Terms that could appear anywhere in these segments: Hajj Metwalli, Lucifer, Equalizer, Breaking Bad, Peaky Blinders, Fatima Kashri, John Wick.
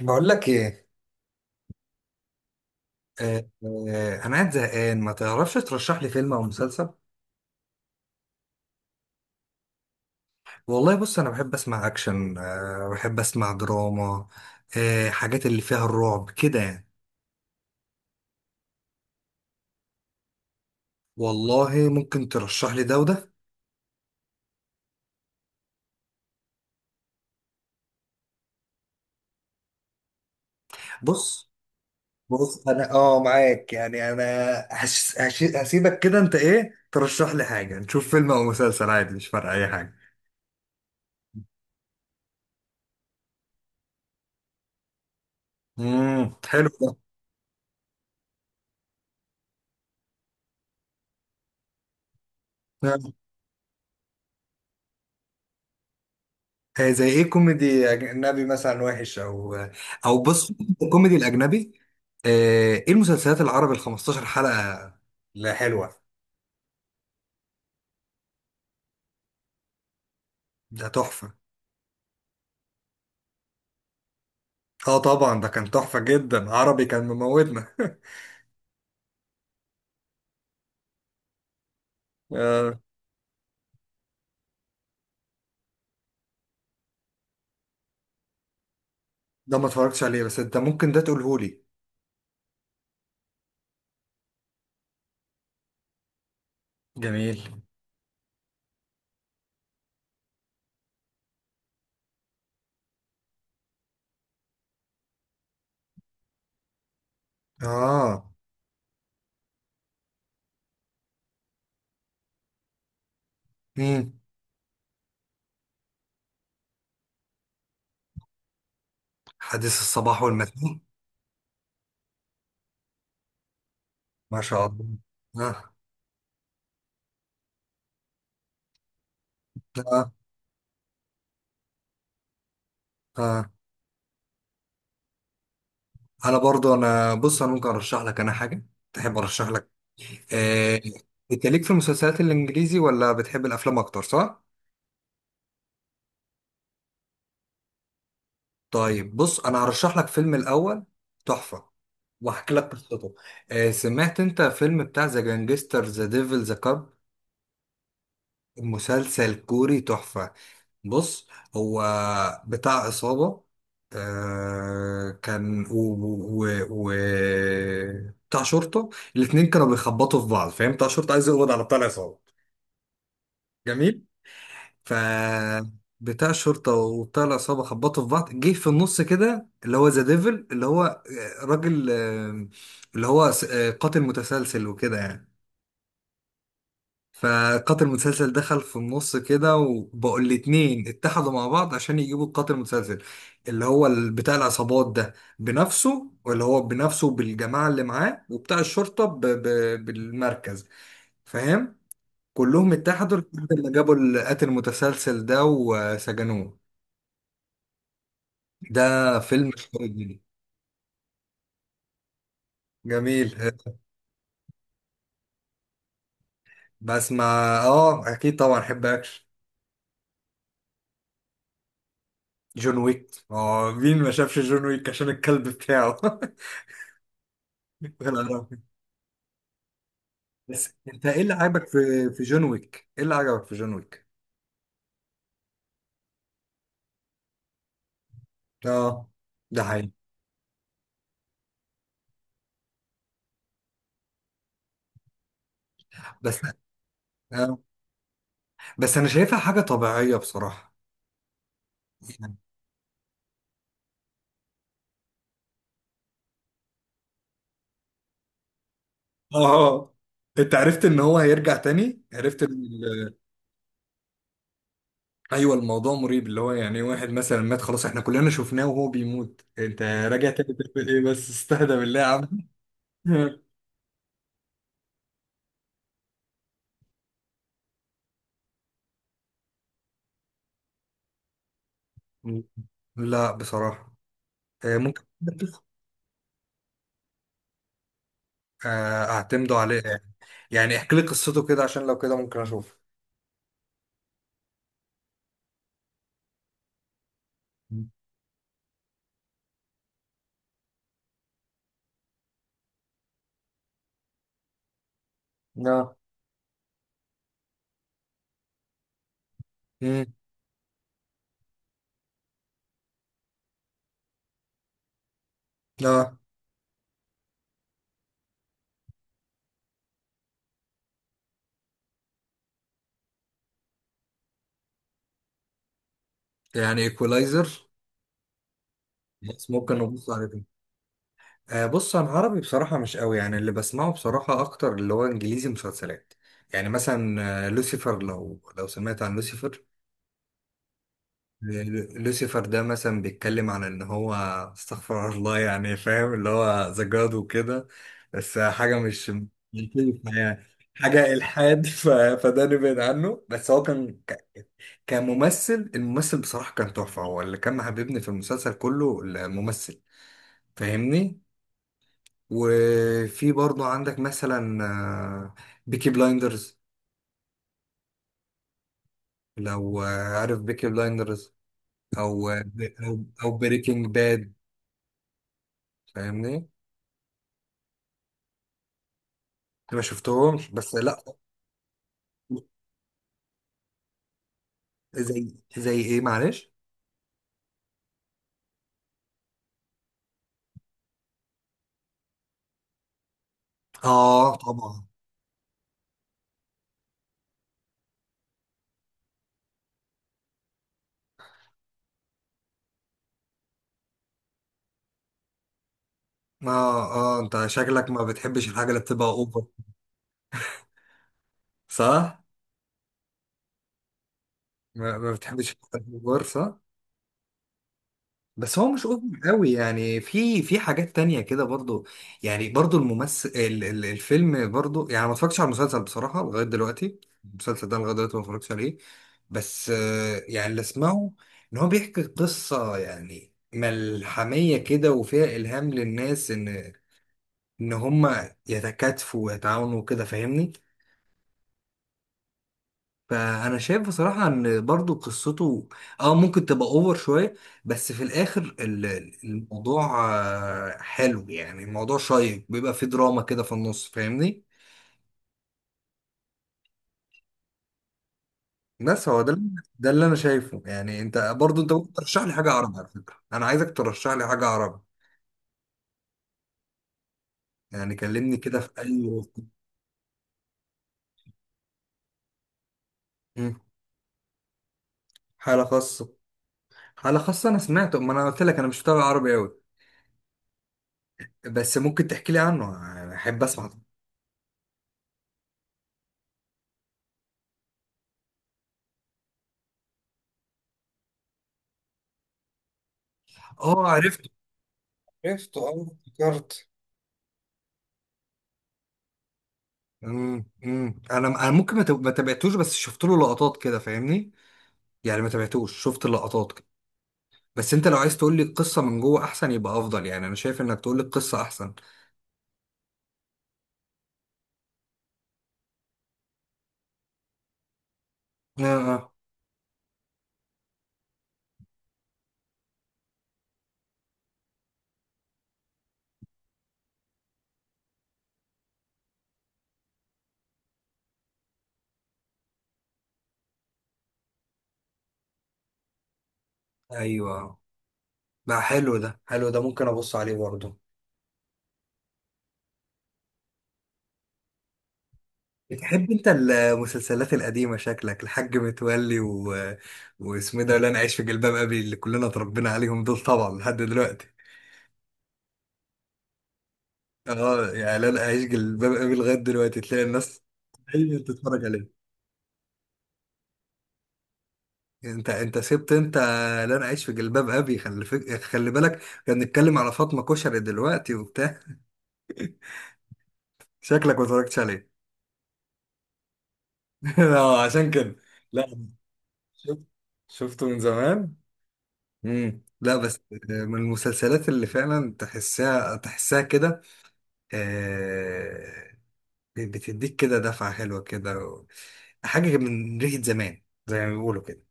بقول لك ايه. آه آه انا قاعد زهقان، ما تعرفش ترشح لي فيلم او مسلسل؟ والله بص، انا بحب اسمع اكشن، آه بحب اسمع دراما، آه حاجات اللي فيها الرعب كده يعني. والله ممكن ترشح لي ده وده. بص بص انا اه معاك يعني انا هش هش، هسيبك كده. انت ايه ترشح لي حاجه؟ نشوف فيلم او مسلسل عادي، مش فارقه اي حاجه. حلو. ده زي ايه كوميدي اجنبي مثلا وحش؟ او او بص، الكوميدي الاجنبي آه، ايه المسلسلات العربي ال 15 حلقة؟ لا حلوة. ده تحفة. اه طبعا ده كان تحفة جدا، عربي كان مموتنا آه، ده ما اتفرجتش عليه، بس انت ممكن ده تقولهولي. جميل. اه. امم. حديث الصباح والمساء. ما شاء الله. اه. اه. اه انا برضو، انا بص انا ممكن ارشح لك انا حاجه، تحب ارشح لك؟ آه، انت ليك في المسلسلات الانجليزي ولا بتحب الافلام اكتر، صح؟ طيب بص انا هرشح لك فيلم الاول، تحفه، واحكي لك قصته. سمعت انت فيلم بتاع ذا جانجستر ذا ديفل ذا كاب؟ مسلسل كوري تحفه. بص، هو بتاع عصابة. آه كان بتاع شرطة. الاتنين كانوا بيخبطوا في بعض، فاهم؟ بتاع شرطة عايز يقبض على بتاع العصابة. جميل. ف بتاع الشرطة وبتاع العصابة خبطوا في بعض، جه في النص كده اللي هو ذا ديفل، اللي هو راجل، اللي هو قاتل متسلسل وكده يعني. فقاتل متسلسل دخل في النص كده، وبقوا الاتنين اتحدوا مع بعض عشان يجيبوا القاتل المتسلسل، اللي هو بتاع العصابات ده بنفسه، واللي هو بنفسه بالجماعة اللي معاه، وبتاع الشرطة بالمركز، فاهم؟ كلهم اتحدوا لحد ما جابوا القاتل المتسلسل ده وسجنوه. ده فيلم خارج جديد. جميل بسمع. اه اكيد طبعا، احب اكشن. جون ويك. اه مين ما شافش جون ويك عشان الكلب بتاعه؟ غير عربي. بس انت ايه اللي عجبك في جون ويك؟ ايه اللي عجبك في جون ويك؟ اه، ده حقيقي. بس آه. بس انا شايفها حاجة طبيعية بصراحة، يعني. اه. انت عرفت ان هو هيرجع تاني؟ عرفت ان ايوه، الموضوع مريب. اللي هو يعني واحد مثلا مات، خلاص احنا كلنا شفناه وهو بيموت، انت راجع تاني تعمل ايه؟ بس استهدى بالله يا عم. لا بصراحة. ممكن. اعتمدوا عليه يعني. يعني احكي لي قصته كده، عشان لو كده ممكن اشوف. لا لا. يعني ايكولايزر. بس ممكن نبص على دي. آه بص، انا عربي بصراحه مش قوي، يعني اللي بسمعه بصراحه اكتر اللي هو انجليزي مسلسلات. يعني مثلا لوسيفر. لو سمعت عن لوسيفر؟ لوسيفر ده مثلا بيتكلم عن ان هو، استغفر الله يعني، فاهم اللي هو ذا جاد وكده. بس حاجه مش منطقية يعني، حاجه الحاد فده نبعد عنه. بس هو كان كممثل، الممثل بصراحه كان تحفه، هو اللي كان محببني في المسلسل كله الممثل، فاهمني؟ وفي برضو عندك مثلا بيكي بلايندرز، لو عارف بيكي بلايندرز، او او او بريكنج باد، فاهمني أنا؟ ما شفتهمش بس لا. زي ايه معلش؟ اه طبعا. اه اه. انت شكلك ما بتحبش الحاجه اللي بتبقى اوفر، صح؟ ما بتحبش الحاجه اوفر، صح. بس هو مش اوفر قوي يعني، في حاجات تانية كده برضو. يعني برضو الممثل ال ال الفيلم برضو، يعني ما اتفرجتش على المسلسل بصراحة لغاية دلوقتي، المسلسل ده لغاية دلوقتي ما اتفرجتش عليه. بس يعني اللي اسمعه، ان هو بيحكي قصة يعني ملحمية كده، وفيها الهام للناس ان هما يتكاتفوا ويتعاونوا وكده، فاهمني؟ فانا شايف بصراحه ان برضو قصته اه ممكن تبقى اوفر شويه، بس في الاخر الموضوع حلو يعني، الموضوع شيق، بيبقى فيه دراما كده في النص، فاهمني؟ بس هو ده ده اللي انا شايفه يعني. انت ممكن ترشح لي حاجه عربي، على فكره انا عايزك ترشح لي حاجه عربي، يعني كلمني كده في اي وقت. مم. حاله خاصه. حاله خاصه انا سمعته، ما انا قلت لك انا مش متابع عربي قوي، بس ممكن تحكي لي عنه، احب اسمع. اه عرفته. عرفته، اه افتكرت. امم، انا انا ممكن ما تابعتوش، بس شفت له لقطات كده، فاهمني؟ يعني ما تابعتوش، شفت اللقطات كده. بس انت لو عايز تقول لي القصه من جوه احسن، يبقى افضل، يعني انا شايف انك تقول لي القصه احسن. اه آه. ايوه بقى، حلو ده، حلو ده، ممكن ابص عليه برضه. بتحب انت المسلسلات القديمه شكلك، الحاج متولي واسمه إيه ده، لا انا عايش في جلباب ابي، اللي كلنا اتربينا عليهم دول طبعا لحد دلوقتي. اه يعني لا انا عايش جلباب ابي لغايه دلوقتي، تلاقي الناس دايما بتتفرج عليه. انت سبت انت، لا انا عايش في جلباب ابي، خلي خلي بالك، كان بنتكلم على فاطمه كشري دلوقتي وبتاع، شكلك ما اتفرجتش عليه. اه عشان كده. لا شفت، شفته من زمان. لا بس، من المسلسلات اللي فعلا تحسها، تحسها كده، آه، بتديك كده دفعه حلوه كده، حاجه من ريحه زمان زي ما بيقولوا كده.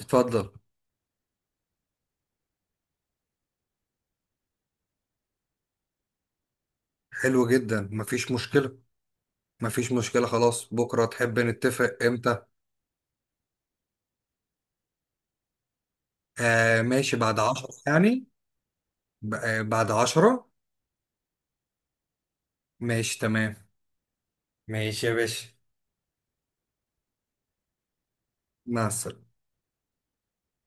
اتفضل. حلو جدا، مفيش مشكله. مفيش مشكله، خلاص بكره تحب نتفق امتى؟ آه ماشي بعد 10 يعني. بعد عشرة. ماشي تمام. ماشي يا باشا. مع السلامة.